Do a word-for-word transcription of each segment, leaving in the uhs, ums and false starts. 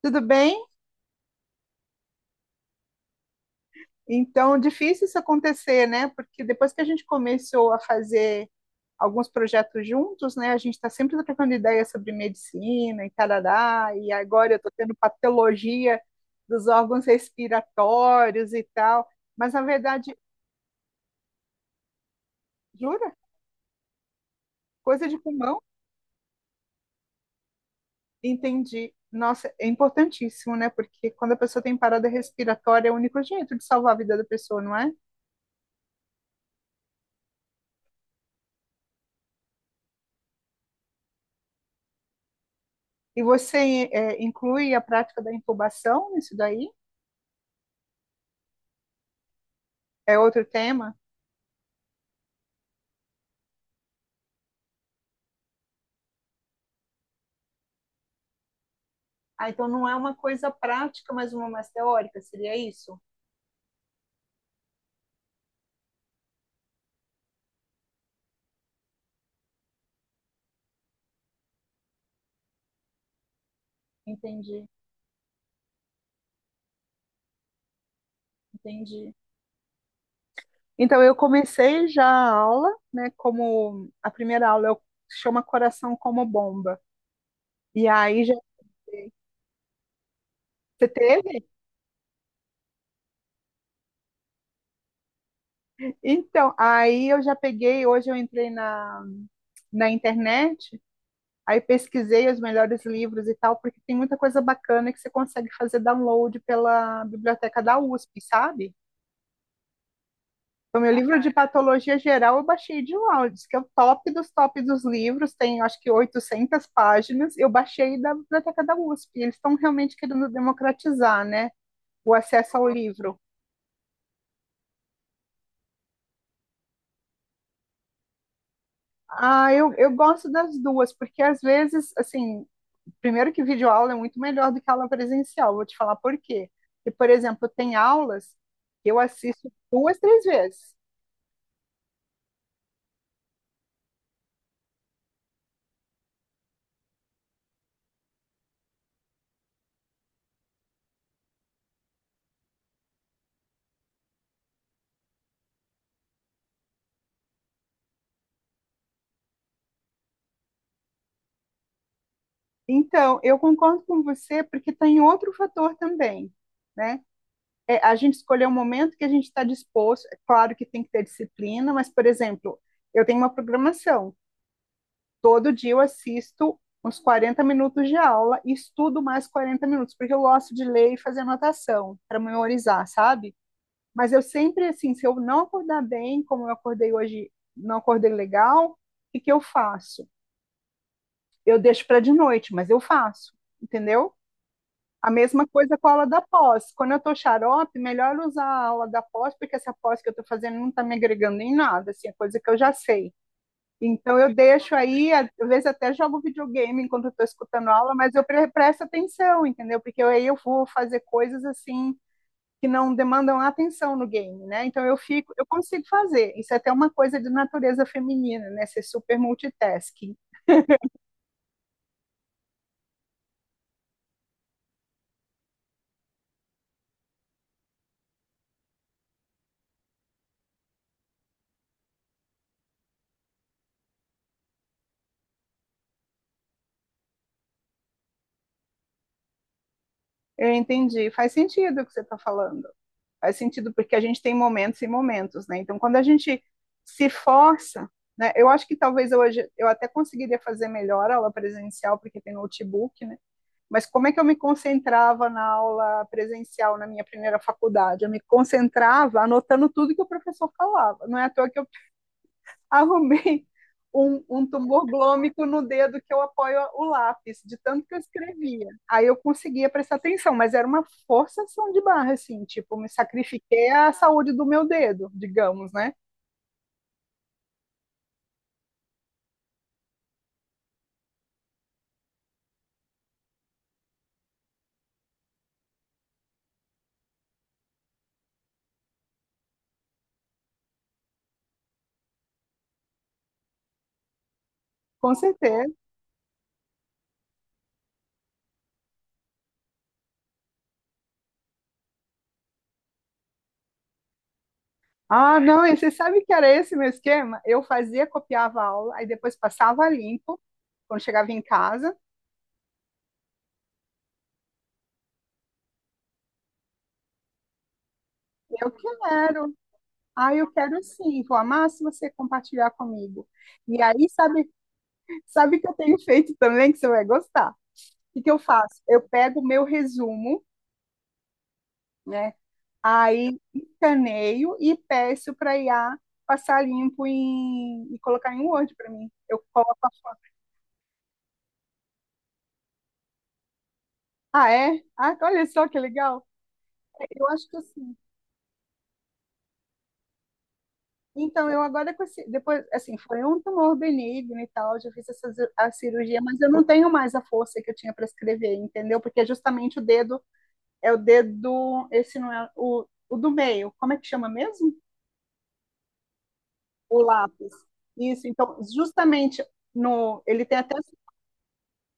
Tudo bem? Então, difícil isso acontecer, né? Porque depois que a gente começou a fazer alguns projetos juntos, né? A gente está sempre trocando ideias sobre medicina e tarará, e agora eu estou tendo patologia dos órgãos respiratórios e tal. Mas, na verdade, jura? Coisa de pulmão? Entendi. Nossa, é importantíssimo, né? Porque quando a pessoa tem parada respiratória, é o único jeito de salvar a vida da pessoa, não é? E você, eh, inclui a prática da intubação nisso daí? É outro tema? Ah, então não é uma coisa prática, mas uma mais teórica, seria isso? Entendi, entendi. Então eu comecei já a aula, né? Como a primeira aula eu chama Coração como Bomba. E aí já você teve? Então, aí eu já peguei, hoje eu entrei na, na internet, aí pesquisei os melhores livros e tal, porque tem muita coisa bacana que você consegue fazer download pela biblioteca da U S P, sabe? O meu livro de patologia geral eu baixei de lá, diz que é o top dos top dos livros, tem acho que oitocentas páginas, eu baixei da biblioteca da U S P, eles estão realmente querendo democratizar, né, o acesso ao livro. Ah, eu, eu gosto das duas, porque às vezes, assim, primeiro que videoaula é muito melhor do que aula presencial, vou te falar por quê. E, por exemplo, tem aulas que eu assisto duas, três vezes. Então, eu concordo com você, porque tem outro fator também, né? É, a gente escolher o momento que a gente está disposto. É claro que tem que ter disciplina, mas, por exemplo, eu tenho uma programação. Todo dia eu assisto uns quarenta minutos de aula e estudo mais quarenta minutos, porque eu gosto de ler e fazer anotação para memorizar, sabe? Mas eu sempre, assim, se eu não acordar bem, como eu acordei hoje, não acordei legal, o que, que eu faço? Eu deixo para de noite, mas eu faço, entendeu? A mesma coisa com a aula da pós. Quando eu estou xarope, melhor usar a aula da pós, porque essa pós que eu estou fazendo não está me agregando em nada, assim, é coisa que eu já sei. Então eu deixo aí, às vezes até jogo videogame enquanto eu tô escutando a aula, mas eu pre- presto atenção, entendeu? Porque aí eu vou fazer coisas assim que não demandam atenção no game, né? Então eu fico, eu consigo fazer. Isso é até uma coisa de natureza feminina, né? Ser super multitasking. Eu entendi, faz sentido o que você está falando. Faz sentido, porque a gente tem momentos e momentos, né? Então, quando a gente se força, né? Eu acho que talvez hoje eu até conseguiria fazer melhor a aula presencial, porque tem notebook, né? Mas como é que eu me concentrava na aula presencial na minha primeira faculdade? Eu me concentrava anotando tudo que o professor falava. Não é à toa que eu arrumei um, um tumor glômico no dedo que eu apoio o lápis, de tanto que eu escrevia. Aí eu conseguia prestar atenção, mas era uma forçação de barra, assim, tipo, me sacrifiquei a saúde do meu dedo, digamos, né? Com certeza. Ah, não, e você sabe que era esse meu esquema? Eu fazia, copiava a aula, aí depois passava limpo, quando chegava em casa, eu quero. Ah, eu quero sim, vou amar se você compartilhar comigo. E aí, sabe, sabe que eu tenho feito também, que você vai gostar? O que que eu faço? Eu pego o meu resumo, né? Aí escaneio e peço para I A passar limpo em- e colocar em Word para mim. Eu coloco, a- ah, é? Ah, olha só que legal. Eu acho que assim. Então, eu agora com esse- depois, assim, foi um tumor benigno e tal, já fiz essa ci- a cirurgia, mas eu não tenho mais a força que eu tinha para escrever, entendeu? Porque é justamente o dedo é o dedo, esse não é o, o do meio. Como é que chama mesmo? O lápis. Isso, então, justamente no, ele tem até,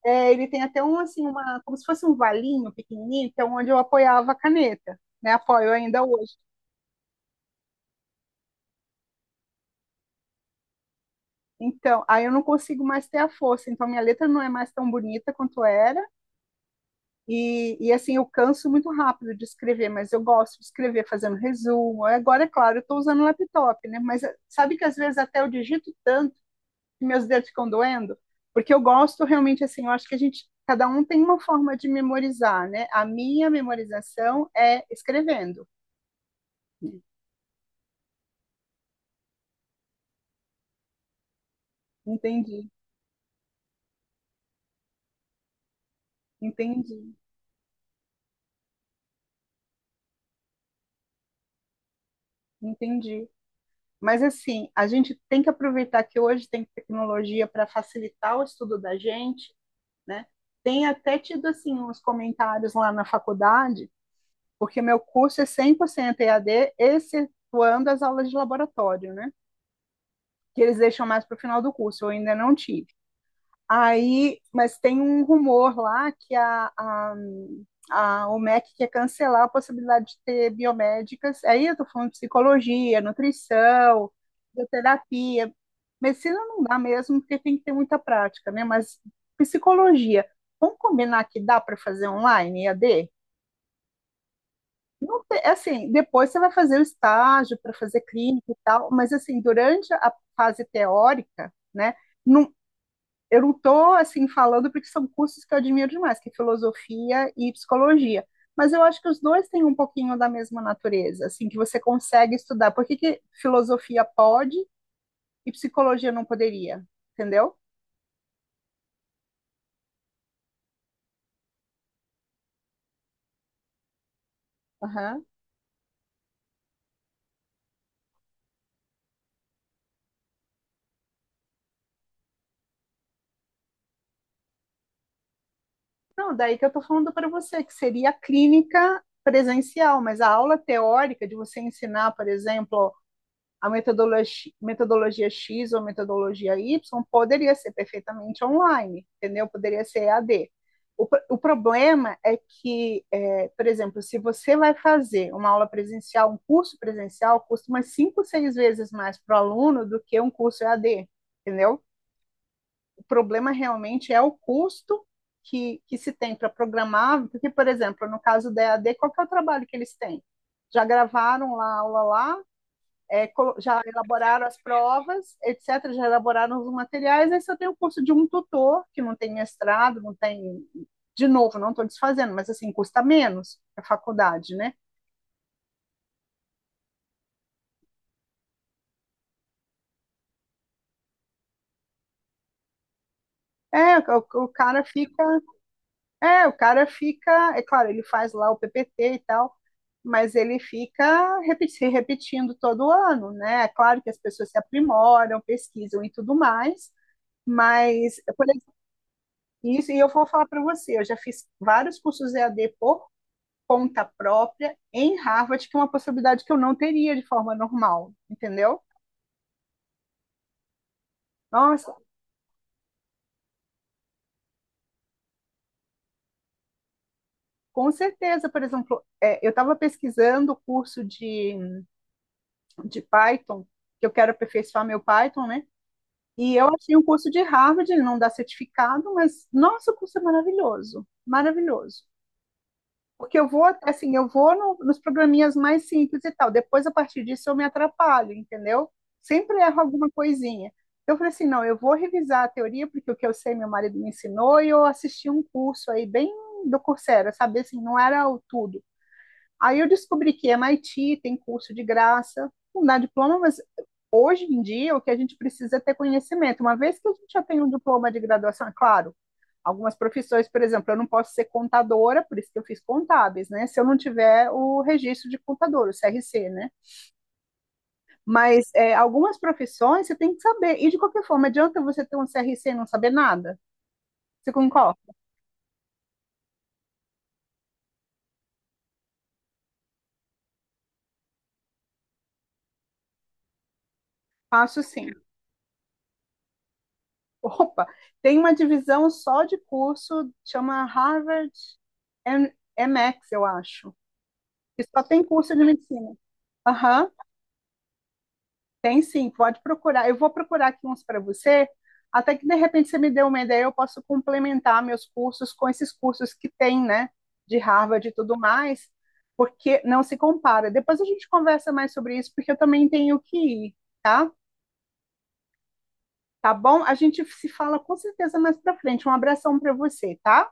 é, ele tem até um assim, uma, como se fosse um valinho pequenininho, que é onde eu apoiava a caneta, né? Apoio ainda hoje. Então, aí eu não consigo mais ter a força, então minha letra não é mais tão bonita quanto era. E, e assim, eu canso muito rápido de escrever, mas eu gosto de escrever fazendo resumo. Agora, é claro, eu estou usando laptop, né? Mas eh, sabe que às vezes até eu digito tanto meus dedos ficam doendo, porque eu gosto realmente assim, eu acho que a gente, cada um tem uma forma de memorizar, né? A minha memorização é escrevendo. Entendi, entendi, entendi. Mas assim, a gente tem que aproveitar que hoje tem tecnologia para facilitar o estudo da gente, né? Tem até tido assim uns comentários lá na faculdade, porque meu curso é cem por cento E A D, excetuando as aulas de laboratório, né? Que eles deixam mais para o final do curso, eu ainda não tive. Aí, mas tem um rumor lá que a, a, a omec quer cancelar a possibilidade de ter biomédicas. Aí eu estou falando de psicologia, nutrição, bioterapia. Medicina não dá mesmo, porque tem que ter muita prática, né? Mas psicologia, vamos combinar que dá para fazer online, E A D? Não te- É assim, depois você vai fazer o estágio para fazer clínica e tal, mas assim, durante a fase teórica, né? Eu não estou assim falando porque são cursos que eu admiro demais, que é filosofia e psicologia. Mas eu acho que os dois têm um pouquinho da mesma natureza, assim, que você consegue estudar. Por que que filosofia pode e psicologia não poderia? Entendeu? Aham. Não, daí que eu estou falando para você, que seria a clínica presencial, mas a aula teórica de você ensinar, por exemplo, a metodologia, metodologia X ou metodologia Y poderia ser perfeitamente online, entendeu? Poderia ser E A D. O, o problema é que, é, por exemplo, se você vai fazer uma aula presencial, um curso presencial, custa umas cinco, seis vezes mais para o aluno do que um curso E A D, entendeu? O problema realmente é o custo que, que se tem para programar, porque, por exemplo, no caso da E A D, qual que é o trabalho que eles têm? Já gravaram lá a aula lá, é, já elaboraram as provas, et cetera, já elaboraram os materiais, aí só tem o curso de um tutor, que não tem mestrado, não tem. De novo, não estou desfazendo, mas assim, custa menos a faculdade, né? É, o, o cara fica. É, o cara fica. É claro, ele faz lá o P P T e tal, mas ele fica se repetindo todo ano, né? É claro que as pessoas se aprimoram, pesquisam e tudo mais, mas por exemplo, isso, e eu vou falar para você, eu já fiz vários cursos E A D por conta própria em Harvard, que é uma possibilidade que eu não teria de forma normal, entendeu? Nossa, com certeza, por exemplo, é, eu estava pesquisando o curso de, de Python, que eu quero aperfeiçoar meu Python, né? E eu achei um curso de Harvard, ele não dá certificado, mas nossa, o curso é maravilhoso, maravilhoso. Porque eu vou, assim, eu vou no- nos programinhas mais simples e tal. Depois, a partir disso, eu me atrapalho, entendeu? Sempre erro alguma coisinha. Eu falei assim, não, eu vou revisar a teoria, porque o que eu sei meu marido me ensinou, e eu assisti um curso aí bem do Coursera, sabe? Assim, não era o tudo. Aí eu descobri que míti tem curso de graça, não dá diploma, mas hoje em dia o que a gente precisa é ter conhecimento. Uma vez que a gente já tem um diploma de graduação, é claro, algumas profissões, por exemplo, eu não posso ser contadora, por isso que eu fiz contábeis, né? Se eu não tiver o registro de contador, o C R C, né? Mas é, algumas profissões você tem que saber. E de qualquer forma, adianta você ter um C R C e não saber nada? Você concorda? Faço sim. Opa, tem uma divisão só de curso, chama Harvard M- MX, eu acho, que só tem curso de medicina. Aham, tem sim, pode procurar. Eu vou procurar aqui uns para você, até que de repente você me dê uma ideia, eu posso complementar meus cursos com esses cursos que tem, né, de Harvard e tudo mais, porque não se compara. Depois a gente conversa mais sobre isso, porque eu também tenho que ir, tá? Tá bom? A gente se fala com certeza mais para frente. Um abração para você, tá?